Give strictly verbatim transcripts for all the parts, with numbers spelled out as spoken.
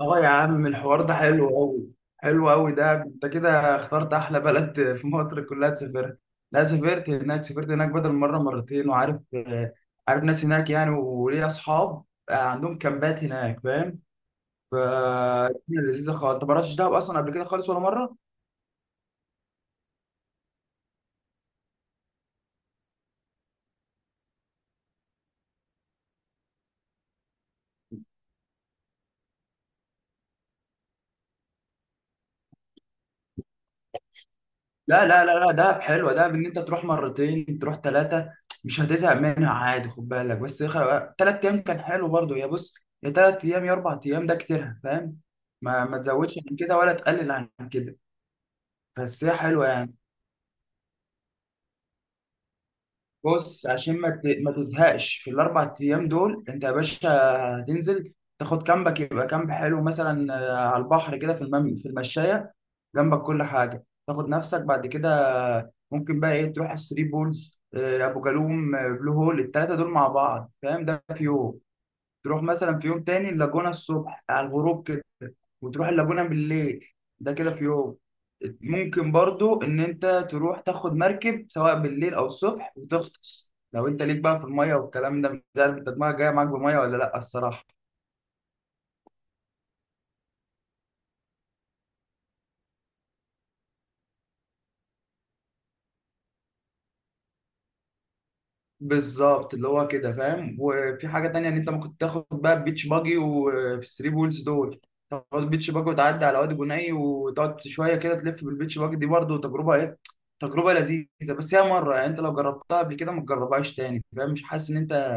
اه يا عم، الحوار ده حلو قوي. حلو قوي، ده انت كده اخترت احلى بلد في مصر كلها تسافرها. لا، سافرت هناك، سافرت هناك بدل مره مرتين، وعارف آه، عارف ناس هناك يعني، وليا اصحاب آه، عندهم كامبات هناك، فاهم. ف لذيذه خالص. انت ما رحتش دهب اصلا قبل كده خالص ولا مره؟ لا لا لا لا، دهب حلوه. دهب ان انت تروح مرتين، تروح ثلاثه، مش هتزهق منها عادي. خد بالك بس، ثلاث ايام كان حلو برضو. يا بص، يا ثلاث ايام يا اربع ايام، ده كتير فاهم. ما ما تزودش عن كده ولا تقلل عن كده، بس هي حلوه يعني. بص عشان ما ت- ما تزهقش في الاربع ايام دول، انت يا باشا هتنزل، تاخد كامبك. يبقى كامب حلو مثلا آه، على البحر كده في المم... في المشايه جنبك، كل حاجه. تاخد نفسك بعد كده، ممكن بقى ايه، تروح الثري بولز، آه، ابو جالوم، آه، بلو هول، الثلاثه دول مع بعض فاهم. ده في يوم. تروح مثلا في يوم تاني اللاجونه الصبح على الغروب، وتروح اللاجونة بالليل. ده كده في يوم. ممكن برضو ان انت تروح تاخد مركب سواء بالليل او الصبح، وتغطس لو انت ليك بقى في المية والكلام ده. مش عارف انت دماغك جاية معاك بمية ولا لا، الصراحة. بالظبط، اللي هو كده فاهم. وفي حاجة تانية، ان انت ممكن تاخد بقى بيتش باجي، وفي الثري بولز دول تاخد بيتش باجي وتعدي على وادي جني، وتقعد شوية كده تلف بالبيتش باجي دي. برضو تجربة ايه، تجربة لذيذة. بس هي مرة، يعني انت لو جربتها قبل كده ما تجربهاش تاني فاهم. مش حاسس ان انت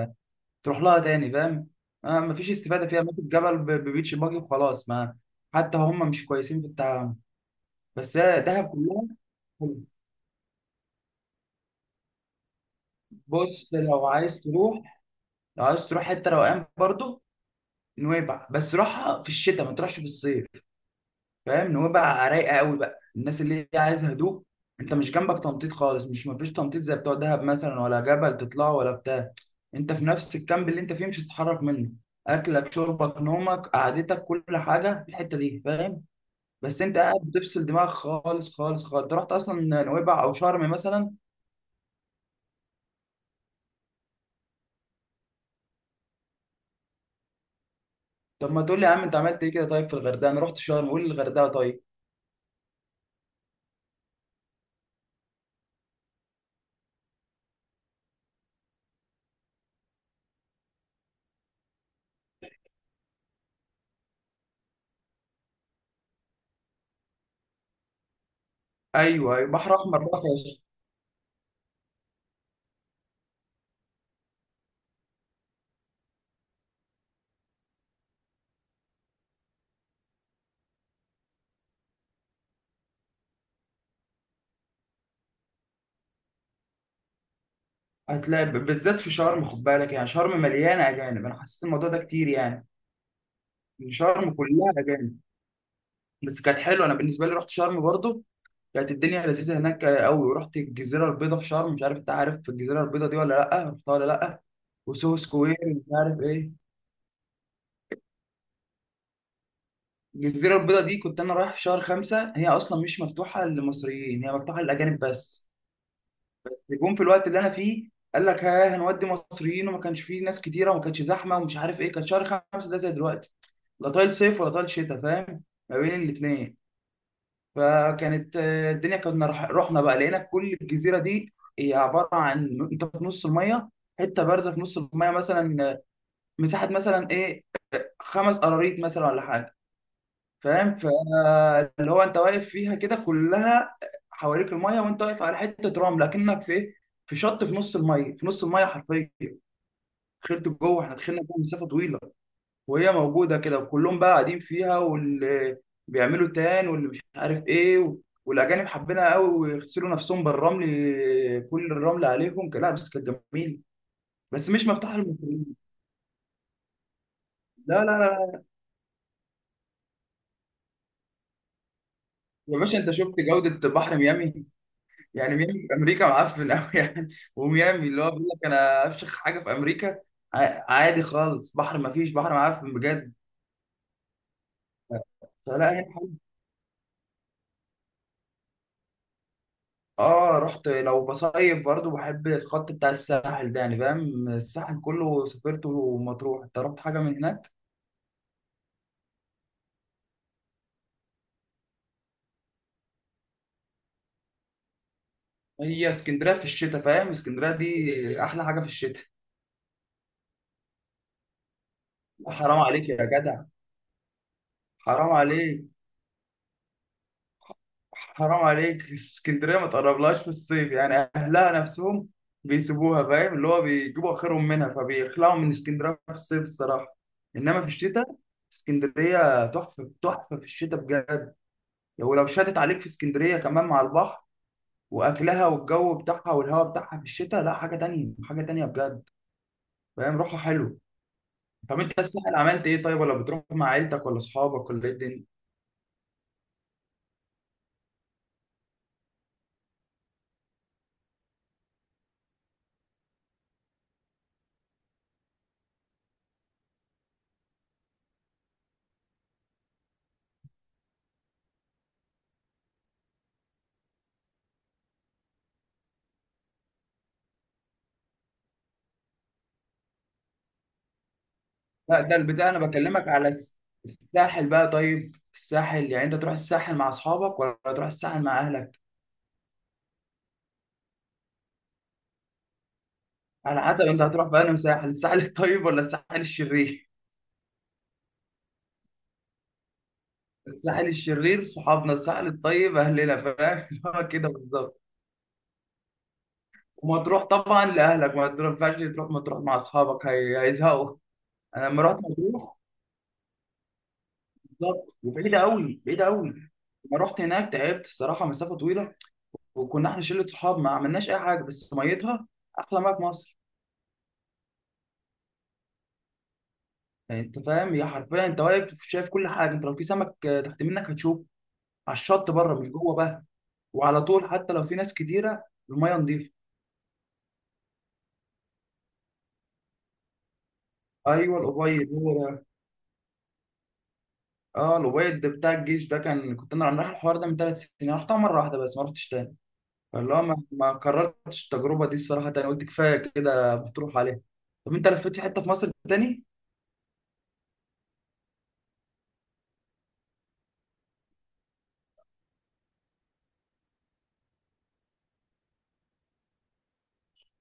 تروح لها تاني فاهم. آه، مفيش استفاده فيها. ممكن جبل ب- ببيتش باجي وخلاص. ما حتى هم مش كويسين في التعامل. بس هي دهب كلها حلوة. بص لو عايز تروح، لو عايز تروح حته روقان برضه، نويبع. بس روحها في الشتاء، ما تروحش في الصيف فاهم. نويبع رايقه قوي بقى، الناس اللي هي عايزه هدوء. انت مش جنبك تنطيط خالص، مش مفيش تنطيط زي بتوع دهب مثلا، ولا جبل تطلعه ولا بتاع. انت في نفس الكامب اللي انت فيه، مش هتتحرك منه. اكلك، شربك، نومك، قعدتك، كل حاجه في الحته دي فاهم. بس انت قاعد بتفصل دماغك خالص خالص خالص. انت رحت اصلا نويبع او شرم مثلا؟ طب ما تقول لي يا عم، انت عملت ايه كده طيب في الغردقه؟ انا رحت شرم، قول لي الغردقه طيب. ايوه ايوه، بحر احمر بقى خالص. هتلاقي ب- بالذات في شرم، خد بالك. يعني شرم مليانه اجانب، انا حسيت الموضوع ده كتير يعني. ان شرم كلها اجانب. بس كانت حلوه، انا بالنسبه لي رحت شرم برضو. كانت الدنيا لذيذه هناك قوي، ورحت الجزيره البيضاء في شرم. مش عارف انت عارف الجزيره البيضاء دي ولا لا، رحتها ولا لا. وسوهو سكوير مش عارف ايه. الجزيرة البيضاء دي كنت أنا رايح في شهر خمسة. هي أصلا مش مفتوحة للمصريين، هي مفتوحة للأجانب بس. جم في الوقت اللي أنا فيه قال لك ها هنودي مصريين، وما كانش فيه ناس كتيرة وما كانش زحمة ومش عارف إيه. كان شهر خمسة ده زي دلوقتي، لا طايل صيف ولا طايل شتاء فاهم، ما بين الاتنين. فكانت آه، الدنيا. كنا رح- رحنا بقى، لقينا كل الجزيرة دي هي عبارة عن أنت في نص المية. حتة بارزة في نص المية مثلا آه، مساحة مثلا إيه، خمس قراريط مثلا ولا حاجة. فاهم فاللي هو انت واقف فيها كده، كلها حواليك الميه، وانت واقف على حته رمل، لكنك في ايه، في شط في نص الميه، في نص الميه حرفيا. دخلت جوه، احنا دخلنا جوه مسافه طويله، وهي موجوده كده. وكلهم بقى قاعدين فيها، واللي بيعملوا تان واللي مش عارف ايه و... والاجانب حبينها قوي، ويغسلوا نفسهم بالرمل، كل الرمل عليهم. لا بس كانت جميله. بس مش مفتوحه للمصريين، لا لا لا. يا باشا انت شفت جوده بحر ميامي؟ يعني ميامي في امريكا معفن قوي يعني. وميامي اللي هو بيقول لك انا افشخ حاجه في امريكا، ع- عادي خالص. بحر ما فيش، بحر معفن بجد. فلا هنا حلو. اه رحت، لو بصيف برضو بحب الخط بتاع الساحل ده يعني فاهم. الساحل كله سافرته، ومطروح. انت رحت حاجه من هناك؟ هي اسكندريه في الشتاء فاهم، اسكندريه دي احلى حاجه في الشتاء. حرام عليك يا جدع! حرام عليك! حرام عليك، اسكندريه ما تقربلهاش في الصيف، يعني اهلها نفسهم بيسيبوها فاهم. اللي هو بيجيبوا اخرهم منها، فبيخلعوا من اسكندريه في الصيف الصراحه. انما في الشتاء، اسكندريه تحفه تحفه في الشتاء بجد. ولو شدت عليك في اسكندريه، كمان مع البحر واكلها والجو بتاعها والهواء بتاعها في الشتاء، لا حاجه تانية حاجه تانية بجد فاهم. روحها حلو. طب انت الساحل عملت ايه طيب، ولا بتروح مع عيلتك ولا اصحابك ولا ايه الدنيا؟ لا ده البتاع، انا بكلمك على الس- الساحل بقى. طيب الساحل يعني، انت تروح الساحل مع اصحابك ولا تروح الساحل مع اهلك؟ على حسب انت هتروح بقى ساحل، الساحل الطيب ولا الساحل الشرير. الساحل الشرير صحابنا، الساحل الطيب اهلنا فاهم اللي هو كده بالظبط. ومطروح طبعا لاهلك، ما تروح- ما ينفعش تروح مطروح مع اصحابك، هي... هيزهقوا. انا لما رحت مطروح، بالظبط، وبعيده قوي بعيده قوي. لما رحت هناك تعبت الصراحه، مسافه طويله. وكنا احنا شله صحاب، ما عملناش اي حاجه، بس ميتها احلى ما في مصر. يعني انت فاهم، هي حرفيا انت واقف شايف كل حاجه. انت لو في سمك آه، تحت منك هتشوفه، على الشط بره مش جوه بقى. وعلى طول حتى لو في ناس كتيره، الميه نظيفه. ايوه الابيض هو ده. اه الابيض ده بتاع الجيش ده. كان كنت انا رايح الحوار ده من ثلاث سنين، رحتها مره واحده بس ما رحتش تاني. فاللي هو ما, ما كررتش التجربه دي الصراحه تاني، قلت كفايه كده بتروح عليها. طب انت لفيت في حته في مصر تاني؟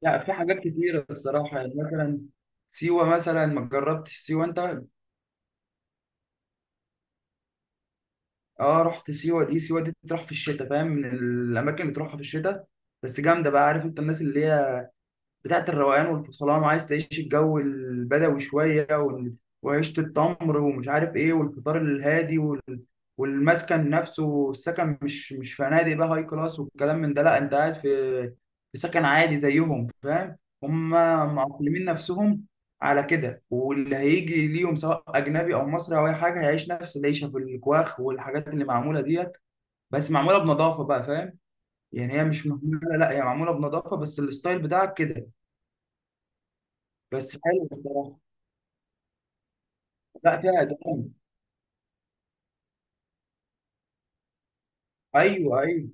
لا في حاجات كتيره الصراحه يعني، مثلا سيوه مثلا ما جربتش سيوه انت؟ اه رحت سيوه دي. سيوه دي بتروح في الشتاء فاهم، من الاماكن اللي بتروحها في الشتاء. بس جامده بقى. عارف انت الناس اللي هي بتاعت الروقان والفصلان، وعايز تعيش الجو البدوي شوية وال- وعيشة التمر ومش عارف ايه، والفطار الهادي وال... والمسكن نفسه، السكن مش مش فنادق بقى هاي كلاس والكلام من ده، لا انت قاعد في في سكن عادي زيهم فاهم. هم معقلمين نفسهم على كده، واللي هيجي ليهم سواء اجنبي او مصري او اي حاجه هيعيش نفس العيشه في الكواخ والحاجات اللي معموله ديت. بس معموله بنظافه بقى فاهم. يعني هي مش مهمله، لا هي معموله بنظافه، بس الستايل بتاعك كده. بس حلو بصراحه. لا فيها دم. ايوه ايوه.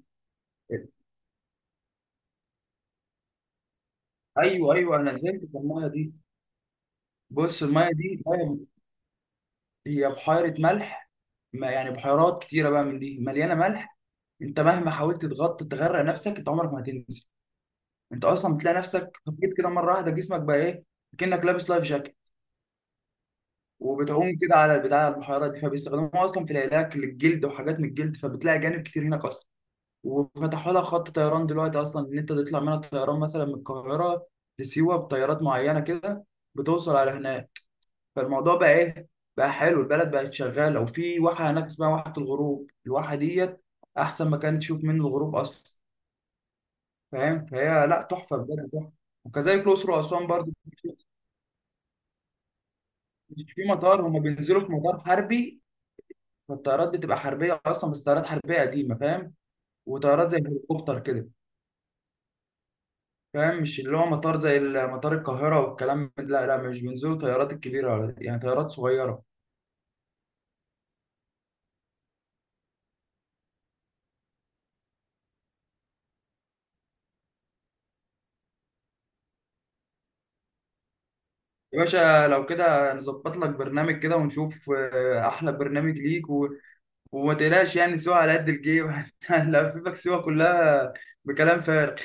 ايوه ايوه. انا نزلت في المايه دي. بص المايه دي مية- هي بحيره ملح، ما يعني بحيرات كتيره بقى من دي مليانه ملح. انت مهما حاولت تغطي تغرق نفسك، انت عمرك ما هتنزل. انت اصلا بتلاقي نفسك خفيت كده مره واحده، جسمك بقى ايه، كأنك لابس لايف جاكيت. وبتعوم كده على البتاع، على البحيرات دي. فبيستخدموها اصلا في العلاج للجلد وحاجات من الجلد، فبتلاقي جانب كتير هناك اصلا. وفتحوا لها خط طيران دلوقتي اصلا، ان انت تطلع منها طيران مثلا من القاهره لسيوه بطيارات معينه كده، بتوصل على هناك. فالموضوع بقى ايه، بقى حلو البلد، بقت شغاله. وفي واحه هناك اسمها واحه الغروب، الواحه ديت احسن مكان تشوف منه الغروب اصلا فاهم. فهي لا تحفه بجد، تحفه. وكذلك الاقصر واسوان برضو. مش في مطار، هما بينزلوا في مطار حربي. فالطيارات بتبقى حربيه اصلا، بس طيارات حربيه قديمه فاهم. وطيارات زي الهليكوبتر كده. فاهم مش اللي هو مطار زي ال- مطار القاهرة والكلام من- لا لا، مش بينزلوا طيارات الكبيرة ولا- يعني طيارات صغيرة. يا باشا لو كده نظبط لك برنامج كده ونشوف آه، أحلى برنامج ليك و... وما تقلقش يعني، سوا على قد الجيب هنلففك سوا كلها بكلام فارغ.